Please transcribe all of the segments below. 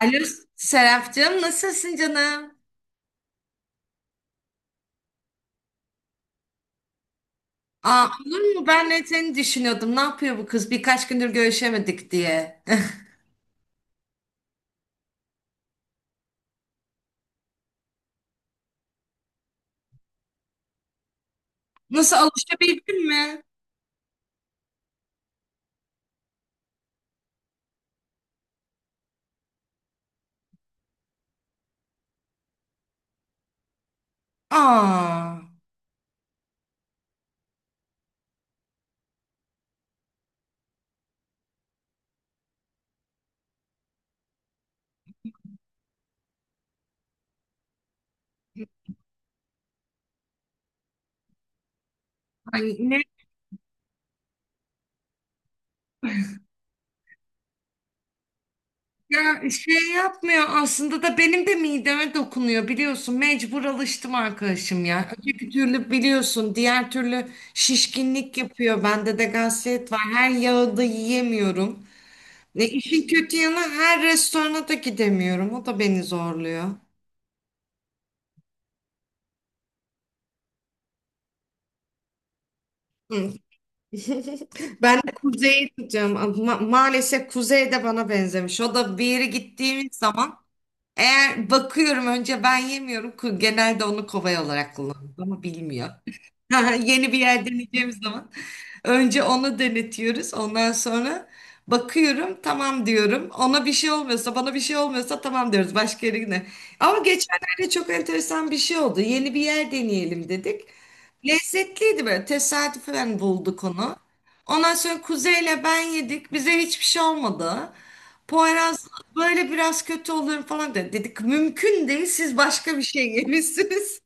Alo Serapcığım, nasılsın canım? Aa, olur mu? Ben de seni düşünüyordum. Ne yapıyor bu kız? Birkaç gündür görüşemedik diye. Nasıl alışabildin mi? Aa, ay ne ya, şey yapmıyor aslında da benim de mideme dokunuyor biliyorsun. Mecbur alıştım arkadaşım ya. Öteki türlü biliyorsun, diğer türlü şişkinlik yapıyor. Bende de gaziyet var. Her yağı da yiyemiyorum. Ve işin kötü yanı, her restorana da gidemiyorum. O da beni zorluyor. Hı, ben de kuzeyi tutacağım. Maalesef kuzey de bana benzemiş. O da bir yere gittiğimiz zaman eğer bakıyorum önce ben yemiyorum. Genelde onu kovay olarak kullanıyorum ama bilmiyor. Ha, yeni bir yer deneyeceğimiz zaman önce onu denetiyoruz. Ondan sonra bakıyorum tamam diyorum. Ona bir şey olmuyorsa, bana bir şey olmuyorsa tamam diyoruz başka yerine. Ama geçenlerde çok enteresan bir şey oldu. Yeni bir yer deneyelim dedik. Lezzetliydi, böyle tesadüfen bulduk onu. Ondan sonra Kuzey'le ben yedik. Bize hiçbir şey olmadı. Poyraz böyle biraz kötü oluyorum falan dedi. Dedik mümkün değil, siz başka bir şey yemişsiniz.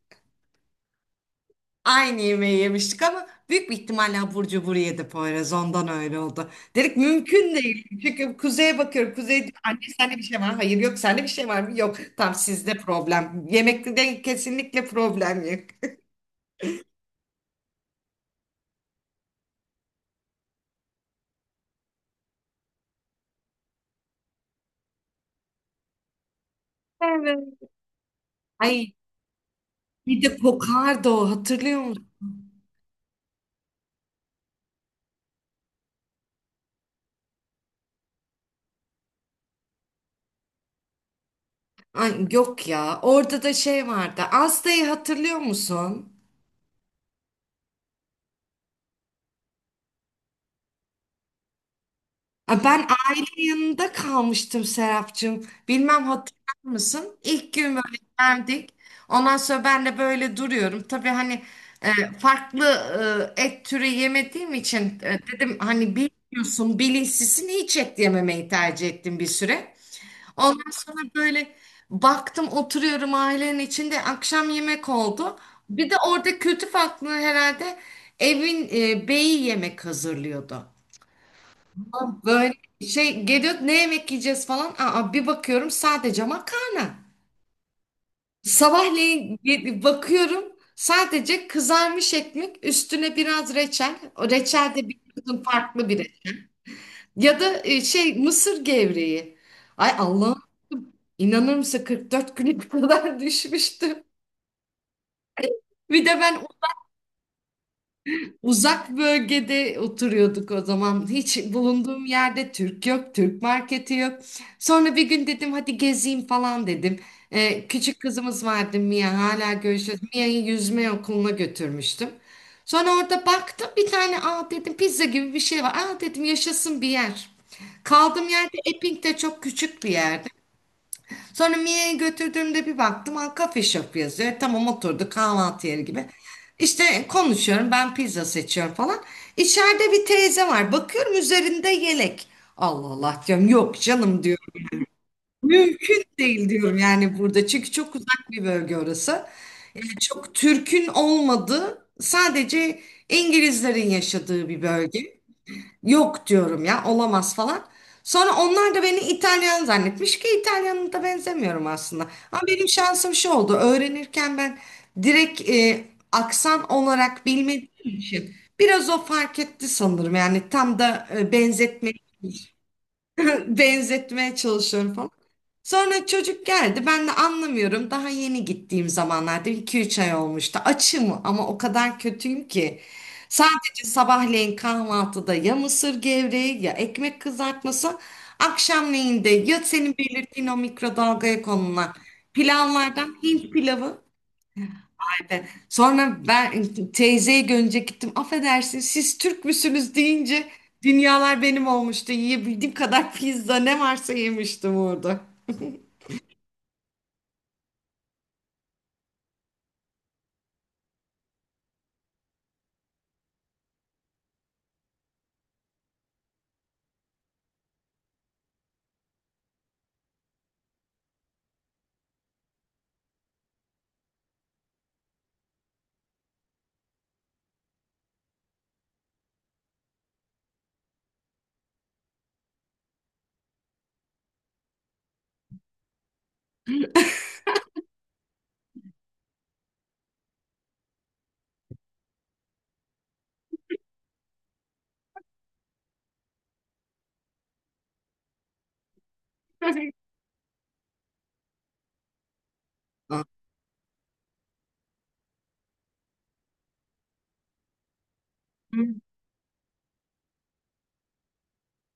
Aynı yemeği yemiştik ama büyük bir ihtimalle abur cubur yedi Poyraz. Ondan öyle oldu. Dedik mümkün değil. Çünkü kuzeye bakıyorum. Kuzey diyor, anne sende bir şey var mı? Hayır yok, sende bir şey var mı? Yok. Tam sizde problem. Yemekte de kesinlikle problem yok. Evet. Ay, bir de kokardı o, hatırlıyor musun? Ay, yok ya, orada da şey vardı. Asta'yı hatırlıyor musun? Aa, ben aile yanında kalmıştım Serapcığım. Bilmem hatırlar mısın? İlk gün böyle geldik. Ondan sonra ben de böyle duruyorum. Tabii hani, e, farklı et türü yemediğim için dedim hani bilmiyorsun bilinçsizsin, hiç et yememeyi tercih ettim bir süre. Ondan sonra böyle baktım, oturuyorum ailenin içinde, akşam yemek oldu. Bir de orada kültür farklılığı herhalde, evin beyi yemek hazırlıyordu. Böyle şey geliyor, ne yemek yiyeceğiz falan. Aa, bir bakıyorum sadece makarna. Sabahleyin bakıyorum sadece kızarmış ekmek, üstüne biraz reçel. O reçel de bir kızın, farklı biri. Ya da şey, mısır gevreği. Ay Allah'ım, inanır mısın 44 güne kadar düşmüştüm. Bir de ben uzak bölgede oturuyorduk o zaman. Hiç bulunduğum yerde Türk yok, Türk marketi yok. Sonra bir gün dedim hadi gezeyim falan dedim. Küçük kızımız vardı Mia, hala görüşüyoruz. Mia'yı yüzme okuluna götürmüştüm. Sonra orada baktım bir tane, aa dedim pizza gibi bir şey var. Aa dedim, yaşasın bir yer. Kaldığım yerde, Epping'de, çok küçük bir yerde. Sonra Mia'ya götürdüğümde bir baktım, ha, kafe shop yazıyor. Tamam, oturduk kahvaltı yeri gibi. İşte konuşuyorum, ben pizza seçiyorum falan. İçeride bir teyze var. Bakıyorum üzerinde yelek. Allah Allah diyorum, yok canım diyorum. Mümkün değil diyorum yani burada. Çünkü çok uzak bir bölge orası. Yani çok Türk'ün olmadığı, sadece İngilizlerin yaşadığı bir bölge. Yok diyorum ya, olamaz falan. Sonra onlar da beni İtalyan zannetmiş ki İtalyan'a da benzemiyorum aslında. Ama benim şansım şu oldu: öğrenirken ben direkt aksan olarak bilmediğim için biraz o fark etti sanırım. Yani tam da benzetmeye benzetmeye çalışıyorum. Sonra çocuk geldi. Ben de anlamıyorum. Daha yeni gittiğim zamanlarda, 2-3 ay olmuştu. Açım ama o kadar kötüyüm ki, sadece sabahleyin kahvaltıda ya mısır gevreği ya ekmek kızartması. Akşamleyin de ya senin belirttiğin, o mikrodalgaya konulan pilavlardan, Hint pilavı. Evet. Sonra ben teyzeye görünce gittim. Affedersin, siz Türk müsünüz deyince dünyalar benim olmuştu. Yiyebildiğim kadar pizza, ne varsa yemiştim orada.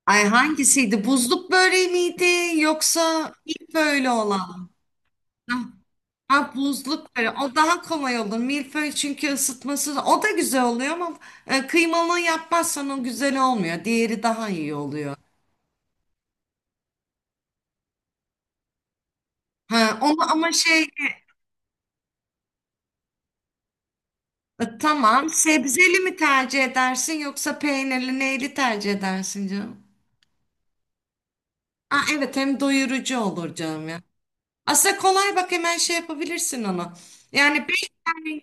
Ay, hangisiydi? Buzluk böreği miydi yoksa milföylü olan? Ha, ha, buzluk böreği. O daha kolay olur. Milföy, çünkü ısıtması o da güzel oluyor ama kıymalı yapmazsan o güzel olmuyor. Diğeri daha iyi oluyor. Ha, onu ama şey, tamam, sebzeli mi tercih edersin yoksa peynirli neyli tercih edersin canım? Ha, evet, hem doyurucu olur canım ya. Aslında kolay, bak hemen şey yapabilirsin onu. Yani beş tane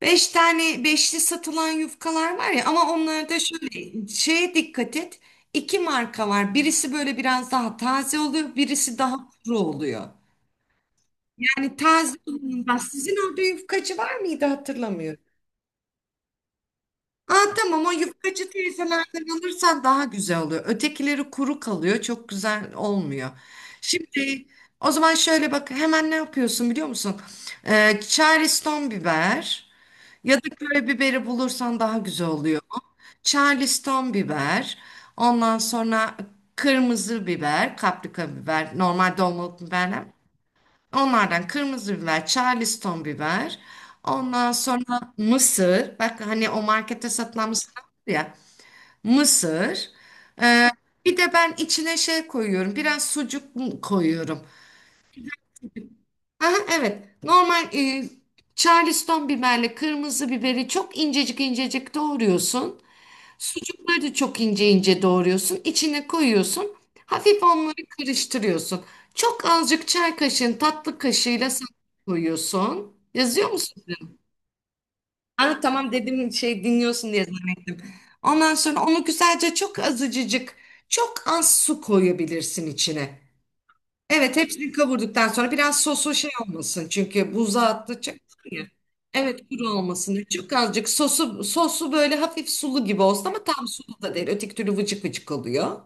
Beş tane beşli satılan yufkalar var ya, ama onlarda şöyle şeye dikkat et. İki marka var. Birisi böyle biraz daha taze oluyor, birisi daha kuru oluyor. Yani taze olanından, sizin orada yufkacı var mıydı hatırlamıyorum. Aa tamam, o yufkacı teyzelerden alırsan daha güzel oluyor. Ötekileri kuru kalıyor, çok güzel olmuyor. Şimdi o zaman şöyle bak, hemen ne yapıyorsun biliyor musun? Çareston biber. Ya da köy biberi bulursan daha güzel oluyor. Charleston biber, ondan sonra kırmızı biber, kaprika biber, normal dolmalık biberler. Onlardan kırmızı biber, Charleston biber. Ondan sonra mısır. Bak hani o markette satılan mısır var ya. Mısır. Bir de ben içine şey koyuyorum. Biraz sucuk koyuyorum. Aha, evet. Normal Charleston biberle kırmızı biberi çok incecik incecik doğruyorsun. Sucukları da çok ince ince doğruyorsun. İçine koyuyorsun. Hafif onları karıştırıyorsun. Çok azıcık, çay kaşığın, tatlı kaşığıyla sen koyuyorsun. Yazıyor musun? Aa, tamam, dedim şey dinliyorsun diye zannettim. Ondan sonra onu güzelce, çok az su koyabilirsin içine. Evet, hepsini kavurduktan sonra biraz sosu şey olmasın. Çünkü buza attıkça kuru ya. Evet, kuru olmasın. Çok azıcık sosu böyle hafif sulu gibi olsun, ama tam sulu da değil. Öteki türlü vıcık vıcık oluyor.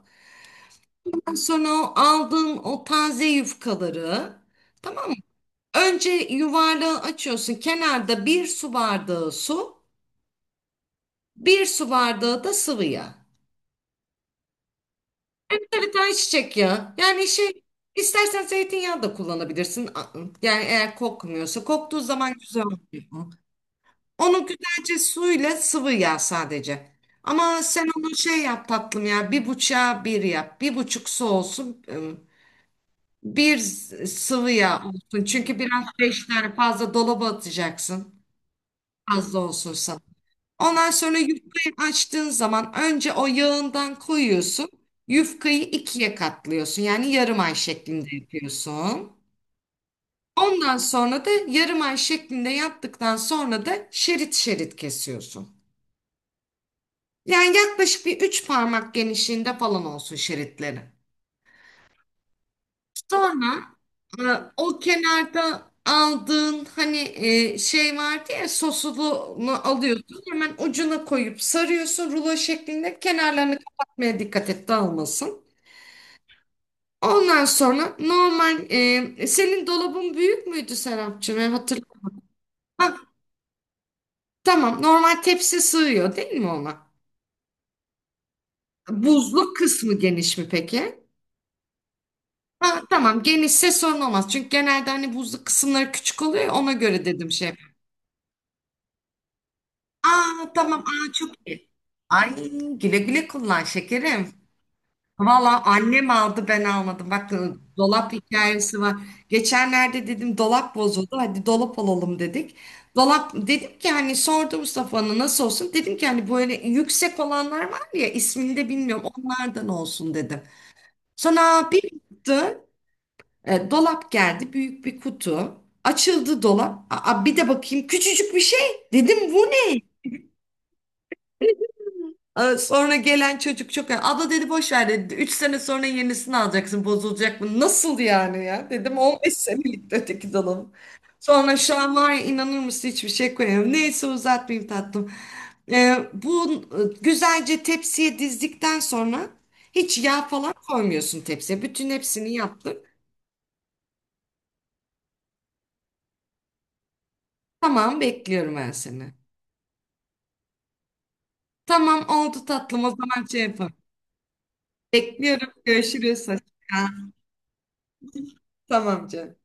Ondan sonra o aldığın o taze yufkaları, tamam mı? Önce yuvarlağı açıyorsun. Kenarda bir su bardağı su, bir su bardağı da sıvı yağ. Evet, ay çiçek ya. Yani şey, istersen zeytinyağı da kullanabilirsin. Yani eğer kokmuyorsa. Koktuğu zaman güzel oluyor. Onu güzelce, suyla sıvı yağ sadece. Ama sen onu şey yap tatlım ya. Bir buçuğa bir yap. Bir buçuk su olsun. Bir sıvı yağ olsun. Çünkü biraz, beş tane fazla dolaba atacaksın. Fazla olsun. Ondan sonra yufkayı açtığın zaman önce o yağından koyuyorsun. Yufkayı ikiye katlıyorsun. Yani yarım ay şeklinde yapıyorsun. Ondan sonra da yarım ay şeklinde yaptıktan sonra da şerit şerit kesiyorsun. Yani yaklaşık bir 3 parmak genişliğinde falan olsun şeritleri. Sonra e, o kenarda aldığın hani şey vardı ya, sosunu alıyorsun. Hemen ucuna koyup sarıyorsun rulo şeklinde. Kenarlarını kapatmaya dikkat et, dağılmasın. Ondan sonra normal, senin dolabın büyük müydü Serapcığım? Hatırlıyorum. Ha, tamam, normal tepsi sığıyor değil mi ona? Buzluk kısmı geniş mi peki? Ha, tamam, genişse sorun olmaz. Çünkü genelde hani buzluk kısımları küçük oluyor ya, ona göre dedim şey. Aa tamam, aa çok iyi. Ay, güle güle kullan şekerim. Valla annem aldı, ben almadım. Bak, dolap hikayesi var. Geçenlerde dedim dolap bozuldu. Hadi dolap alalım dedik. Dolap, dedim ki hani sordu Mustafa'nın nasıl olsun? Dedim ki hani böyle yüksek olanlar var ya, ismini de bilmiyorum, onlardan olsun dedim. Sonra bir baktı, dolap geldi, büyük bir kutu. Açıldı dolap. Aa, bir de bakayım, küçücük bir şey. Dedim bu ne? Sonra gelen çocuk, çok abla dedi, boş ver dedi, 3 sene sonra yenisini alacaksın, bozulacak. Bu nasıl yani ya, dedim 15 senelik öteki dolabım. Sonra şu an var ya, inanır mısın, hiçbir şey koyamıyorum. Neyse, uzatmayayım tatlım. Bu güzelce tepsiye dizdikten sonra hiç yağ falan koymuyorsun tepsiye, bütün hepsini yaptım. Tamam, bekliyorum ben seni. Tamam, oldu tatlım, o zaman şey yapalım. Bekliyorum, görüşürüz, hoşça kal. Tamam canım.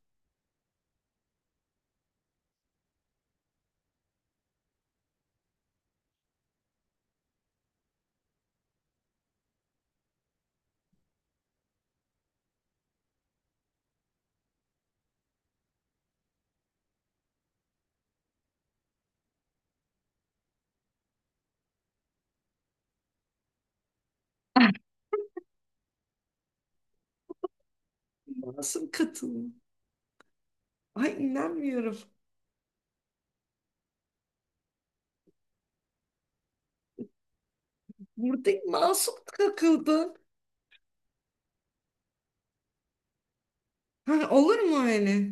Nasıl katılım. Ay inanmıyorum. Burada masum takıldı. Ha, olur mu öyle?